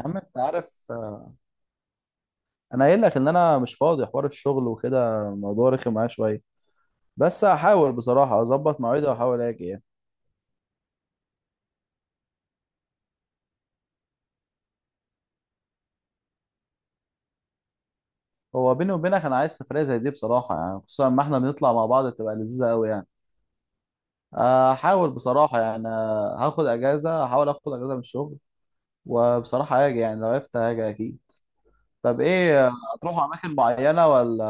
يا عم انت عارف، انا قايل لك ان انا مش فاضي حوار الشغل وكده. الموضوع رخم معايا شويه. بس هحاول بصراحه اظبط مواعيدي واحاول اجي يعني. هو بيني وبينك انا عايز سفريه زي دي بصراحه يعني، خصوصا ما احنا بنطلع مع بعض بتبقى لذيذه قوي يعني. هحاول بصراحه يعني، هاخد اجازه، هحاول اخد اجازه من الشغل. وبصراحه هاجي يعني، لو عرفت هاجي اكيد. طب ايه، هتروحوا اماكن معينه ولا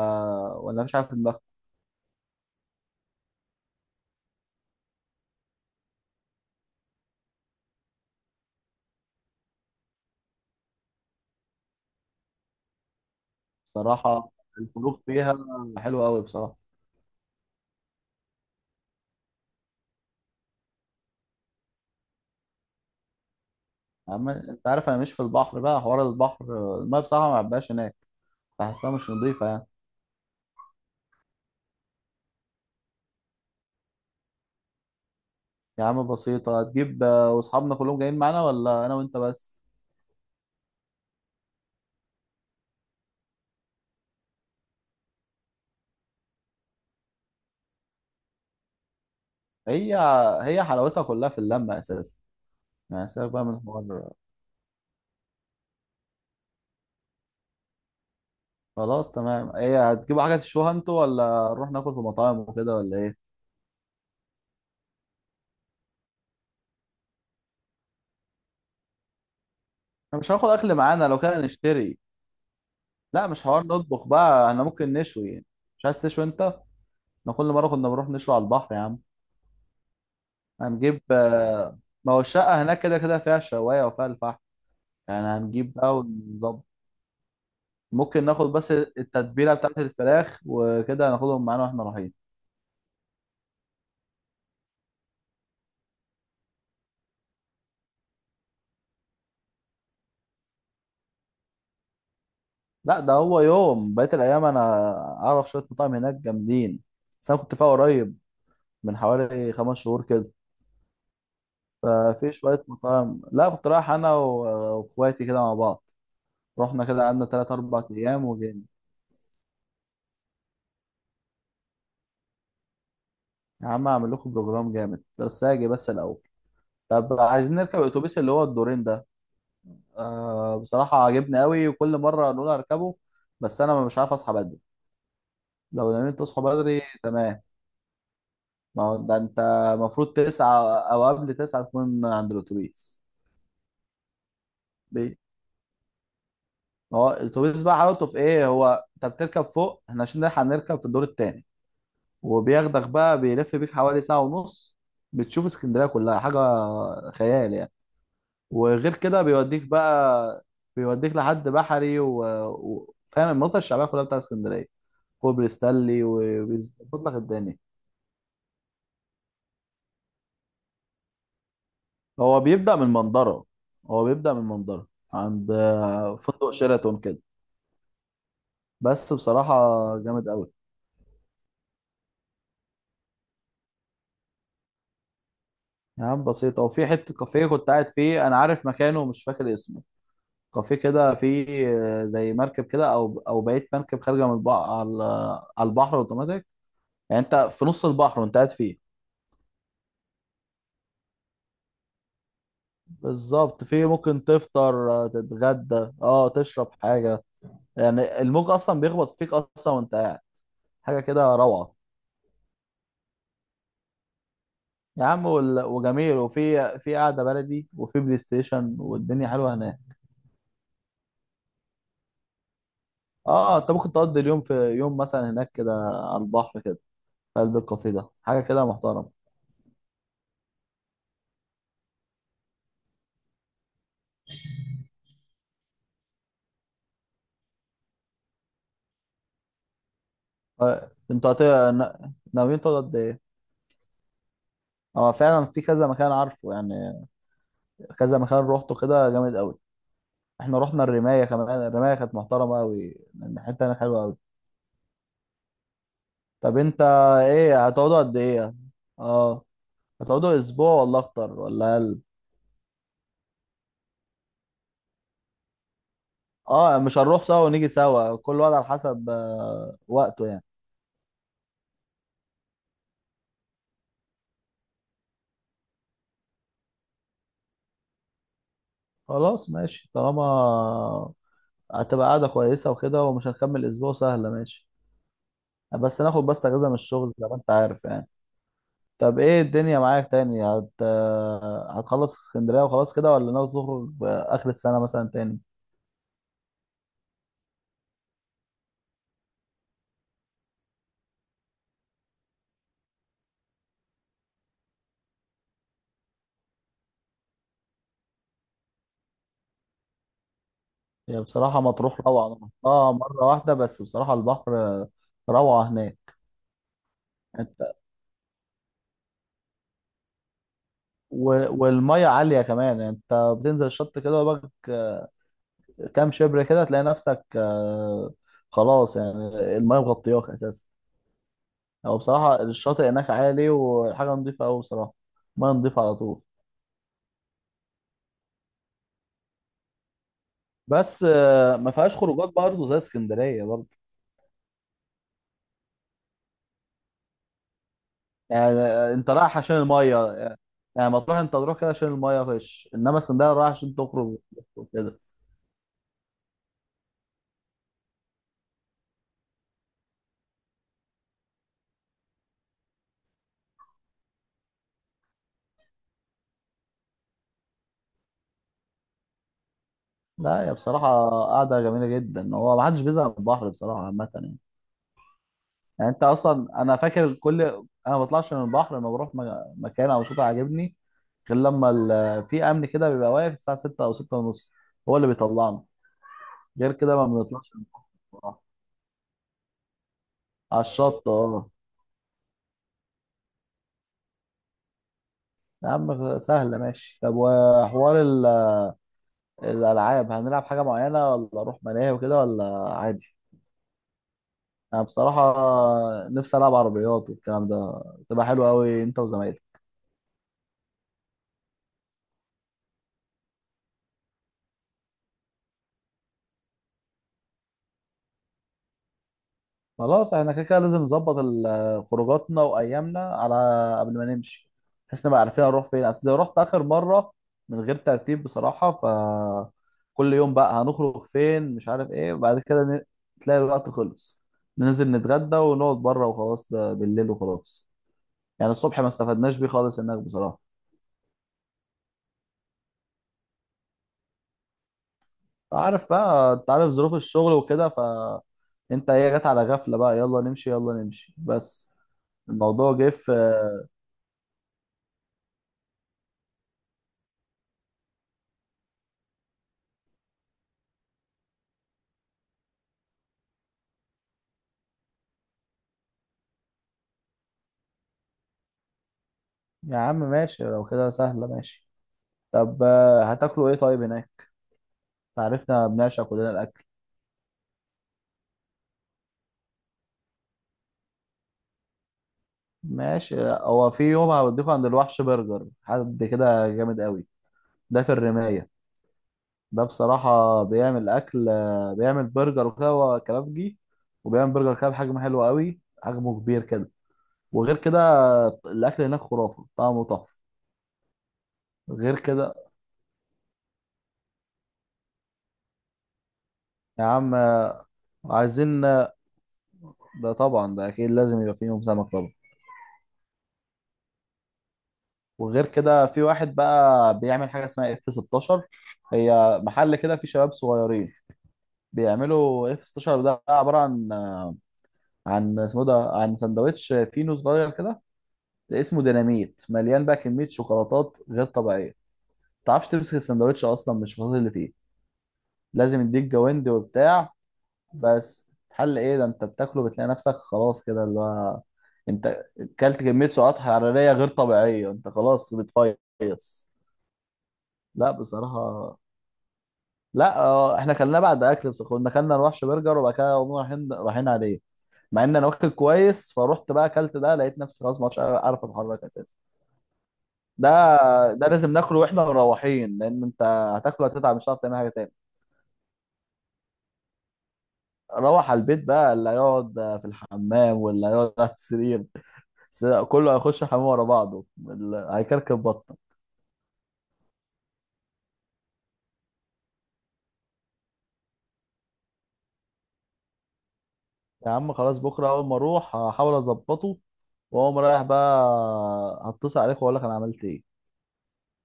ولا مش عارف دماغك؟ بصراحه الخروج فيها حلو قوي بصراحه. انت عارف، انا مش في البحر بقى، حوار البحر الميه بصراحه ما بحبهاش هناك، بحسها مش نظيفه يعني. يا عم بسيطه. هتجيب واصحابنا كلهم جايين معانا ولا انا وانت بس؟ هي هي حلاوتها كلها في اللمه اساسا. يعني سيبك بقى من الحوار. خلاص تمام. هي هتجيبوا حاجه تشوها انتوا، ولا نروح ناكل في مطاعم وكده، ولا ايه؟ انا مش هاخد اكل معانا، لو كده نشتري. لا مش حوار نطبخ بقى، احنا ممكن نشوي يعني. مش عايز تشوي انت؟ احنا كل مره كنا بنروح نشوي على البحر يا عم. هنجيب ما هو الشقه هناك كده كده فيها شوايه وفيها الفحم. يعني هنجيب بقى ونظبط. ممكن ناخد بس التتبيله بتاعت الفراخ وكده، هناخدهم معانا واحنا رايحين. لا ده هو يوم بقيه الايام، انا اعرف شويه مطاعم هناك جامدين. بس انا كنت فيها قريب، من حوالي 5 شهور كده. ففي شويه مطاعم. لا كنت رايح انا واخواتي كده مع بعض. رحنا كده، قعدنا 3 4 أيام وجينا. يا عم أعمل لكم بروجرام جامد، بس هاجي بس الأول. طب عايزين نركب الأتوبيس اللي هو الدورين ده؟ آه بصراحة عاجبني قوي، وكل مرة نقول هركبه بس أنا مش عارف أصحى بدري. لو نمت تصحى بدري تمام. ما هو ده انت المفروض 9 او قبل 9 تكون عند الاتوبيس. ليه؟ ما هو الاتوبيس بقى حلاوته في ايه؟ هو انت بتركب فوق، احنا عشان نلحق نركب في الدور التاني. وبياخدك بقى، بيلف بيك حوالي ساعة ونص. بتشوف اسكندرية كلها، حاجة خيال يعني. وغير كده بيوديك بقى، بيوديك لحد بحري فاهم المنطقة الشعبية كلها بتاع اسكندرية. كوبري ستانلي، وبيظبط لك الدنيا. هو بيبدأ من منظرة هو بيبدأ من منظرة عند فندق شيراتون كده. بس بصراحة جامد قوي. يا عم بسيطة. وفي حتة كافيه كنت قاعد فيه، أنا عارف مكانه ومش فاكر اسمه. كافيه كده فيه زي مركب كده، أو بقية مركب خارجة من البحر على البحر أوتوماتيك. يعني أنت في نص البحر وأنت قاعد فيه. بالظبط. فيه ممكن تفطر، تتغدى، تشرب حاجة. يعني الموج أصلا بيخبط فيك أصلا وأنت قاعد، حاجة كده روعة. يا عم وجميل. وفي قعده بلدي، وفي بلاي ستيشن، والدنيا حلوه هناك. اه انت ممكن تقضي اليوم في يوم مثلا هناك كده، على البحر كده، في قلب الكافيه ده، حاجه كده محترمه. آه، انتوا هت... ناويين تقعدوا قد ايه؟ اه فعلا في كذا مكان عارفه يعني. كذا مكان روحته كده جامد قوي. احنا رحنا الرمايه كمان، الرمايه كانت محترمه قوي. الحته هناك حلوه قوي. طب انت ايه، هتقعدوا قد ايه؟ اه، هتقعدوا اسبوع ولا اكتر ولا اقل؟ اه مش هنروح سوا ونيجي سوا، كل واحد على حسب وقته يعني. خلاص ماشي، طالما هتبقى قاعدة كويسة وكده ومش هنكمل أسبوع سهلة ماشي. بس ناخد بس أجازة من الشغل زي ما أنت عارف يعني. طب إيه الدنيا معاك تاني، هت... آه، هتخلص اسكندرية وخلاص كده، ولا ناوي تخرج آخر السنة مثلا تاني؟ هي بصراحة مطروح روعة. أنا رحتها مرة واحدة بس، بصراحة البحر روعة هناك. انت و... والمية عالية كمان يعني. انت بتنزل الشط كده، وبك كام شبر كده تلاقي نفسك خلاص يعني، المايه مغطياك اساسا. هو بصراحه الشاطئ هناك عالي، وحاجه نظيفه قوي بصراحه، ميه نظيفه على طول. بس ما فيهاش خروجات برضه زي اسكندريه برضه. يعني انت رايح عشان المايه، يعني ما تروح، انت تروح كده عشان المايه فيش، انما اسكندريه رايح عشان تخرج وكده. لا هي بصراحه قاعده جميله جدا. هو ما حدش بيزهق من البحر بصراحه عامه يعني. يعني انت اصلا، انا فاكر كل، انا ما بطلعش من البحر لما بروح مكان او شاطئ عاجبني، غير لما في امن كده بيبقى واقف الساعه 6 او 6 ونص، هو اللي بيطلعنا، غير كده ما بنطلعش من البحر بصراحة. على الشط اه. يا عم سهله ماشي. طب وحوار الالعاب، هنلعب حاجه معينه، ولا اروح ملاهي وكده، ولا عادي؟ انا بصراحه نفسي العب عربيات والكلام ده، تبقى حلوه قوي انت وزمايلك. خلاص احنا كده كده لازم نظبط خروجاتنا وايامنا على، قبل ما نمشي، بحيث نبقى عارفين هنروح فين، اصل لو رحت اخر مره من غير ترتيب بصراحه، ف كل يوم بقى هنخرج فين مش عارف ايه، وبعد كده تلاقي الوقت خلص، ننزل نتغدى ونقعد بره وخلاص، ده بالليل وخلاص. يعني الصبح ما استفدناش بيه خالص هناك بصراحه. عارف بقى، انت عارف ظروف الشغل وكده، ف انت ايه، جت على غفله بقى، يلا نمشي يلا نمشي. بس الموضوع جه في، يا عم ماشي لو كده سهلة ماشي. طب هتاكلوا ايه طيب هناك؟ عرفنا بنعشق كلنا الاكل. ماشي. لا، هو في يوم هوديكوا عند الوحش برجر، حد كده جامد قوي، ده في الرماية. ده بصراحة بيعمل اكل، بيعمل برجر وكده، هو كبابجي، وبيعمل برجر كده بحجم حلو قوي، حجمه كبير كده. وغير كده الاكل هناك خرافة، طعمه تحفة. غير كده يا عم، آه، عايزين آه، ده طبعا ده اكيد لازم يبقى في يوم سمك طبعا. وغير كده في واحد بقى بيعمل حاجه اسمها اف 16. هي محل كده فيه شباب صغيرين بيعملوا اف 16. ده عباره عن اسمه ده، عن سندوتش فينو صغير كده اسمه ديناميت، مليان بقى كميه شوكولاتات غير طبيعيه. ما تعرفش تمسك السندوتش اصلا من الشوكولاتات اللي فيه، لازم يديك جواندي وبتاع. بس حل ايه؟ ده انت بتاكله بتلاقي نفسك خلاص كده، اللي هو انت كلت كميه سعرات حراريه غير طبيعيه، انت خلاص بتفيص. لا بصراحه. لا احنا كلنا بعد اكل، بس كنا كلنا نروحش برجر، وبعد كده قمنا رايحين رايحين عليه. مع ان انا واكل كويس، فروحت بقى اكلت ده لقيت نفسي خلاص ما عادش عارف اتحرك اساسا. ده ده لازم ناكله واحنا مروحين، لان انت هتاكله هتتعب، مش هتعرف تعمل حاجه تاني. روح على البيت بقى، اللي هيقعد في الحمام واللي هيقعد على السرير. كله هيخش الحمام ورا بعضه، هيكركب بطنه. يا عم خلاص، بكره اول ما اروح هحاول اظبطه، واقوم رايح بقى، هتصل عليك واقول لك انا عملت ايه.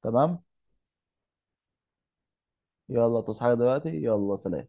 تمام. يلا تصحى دلوقتي، يلا سلام.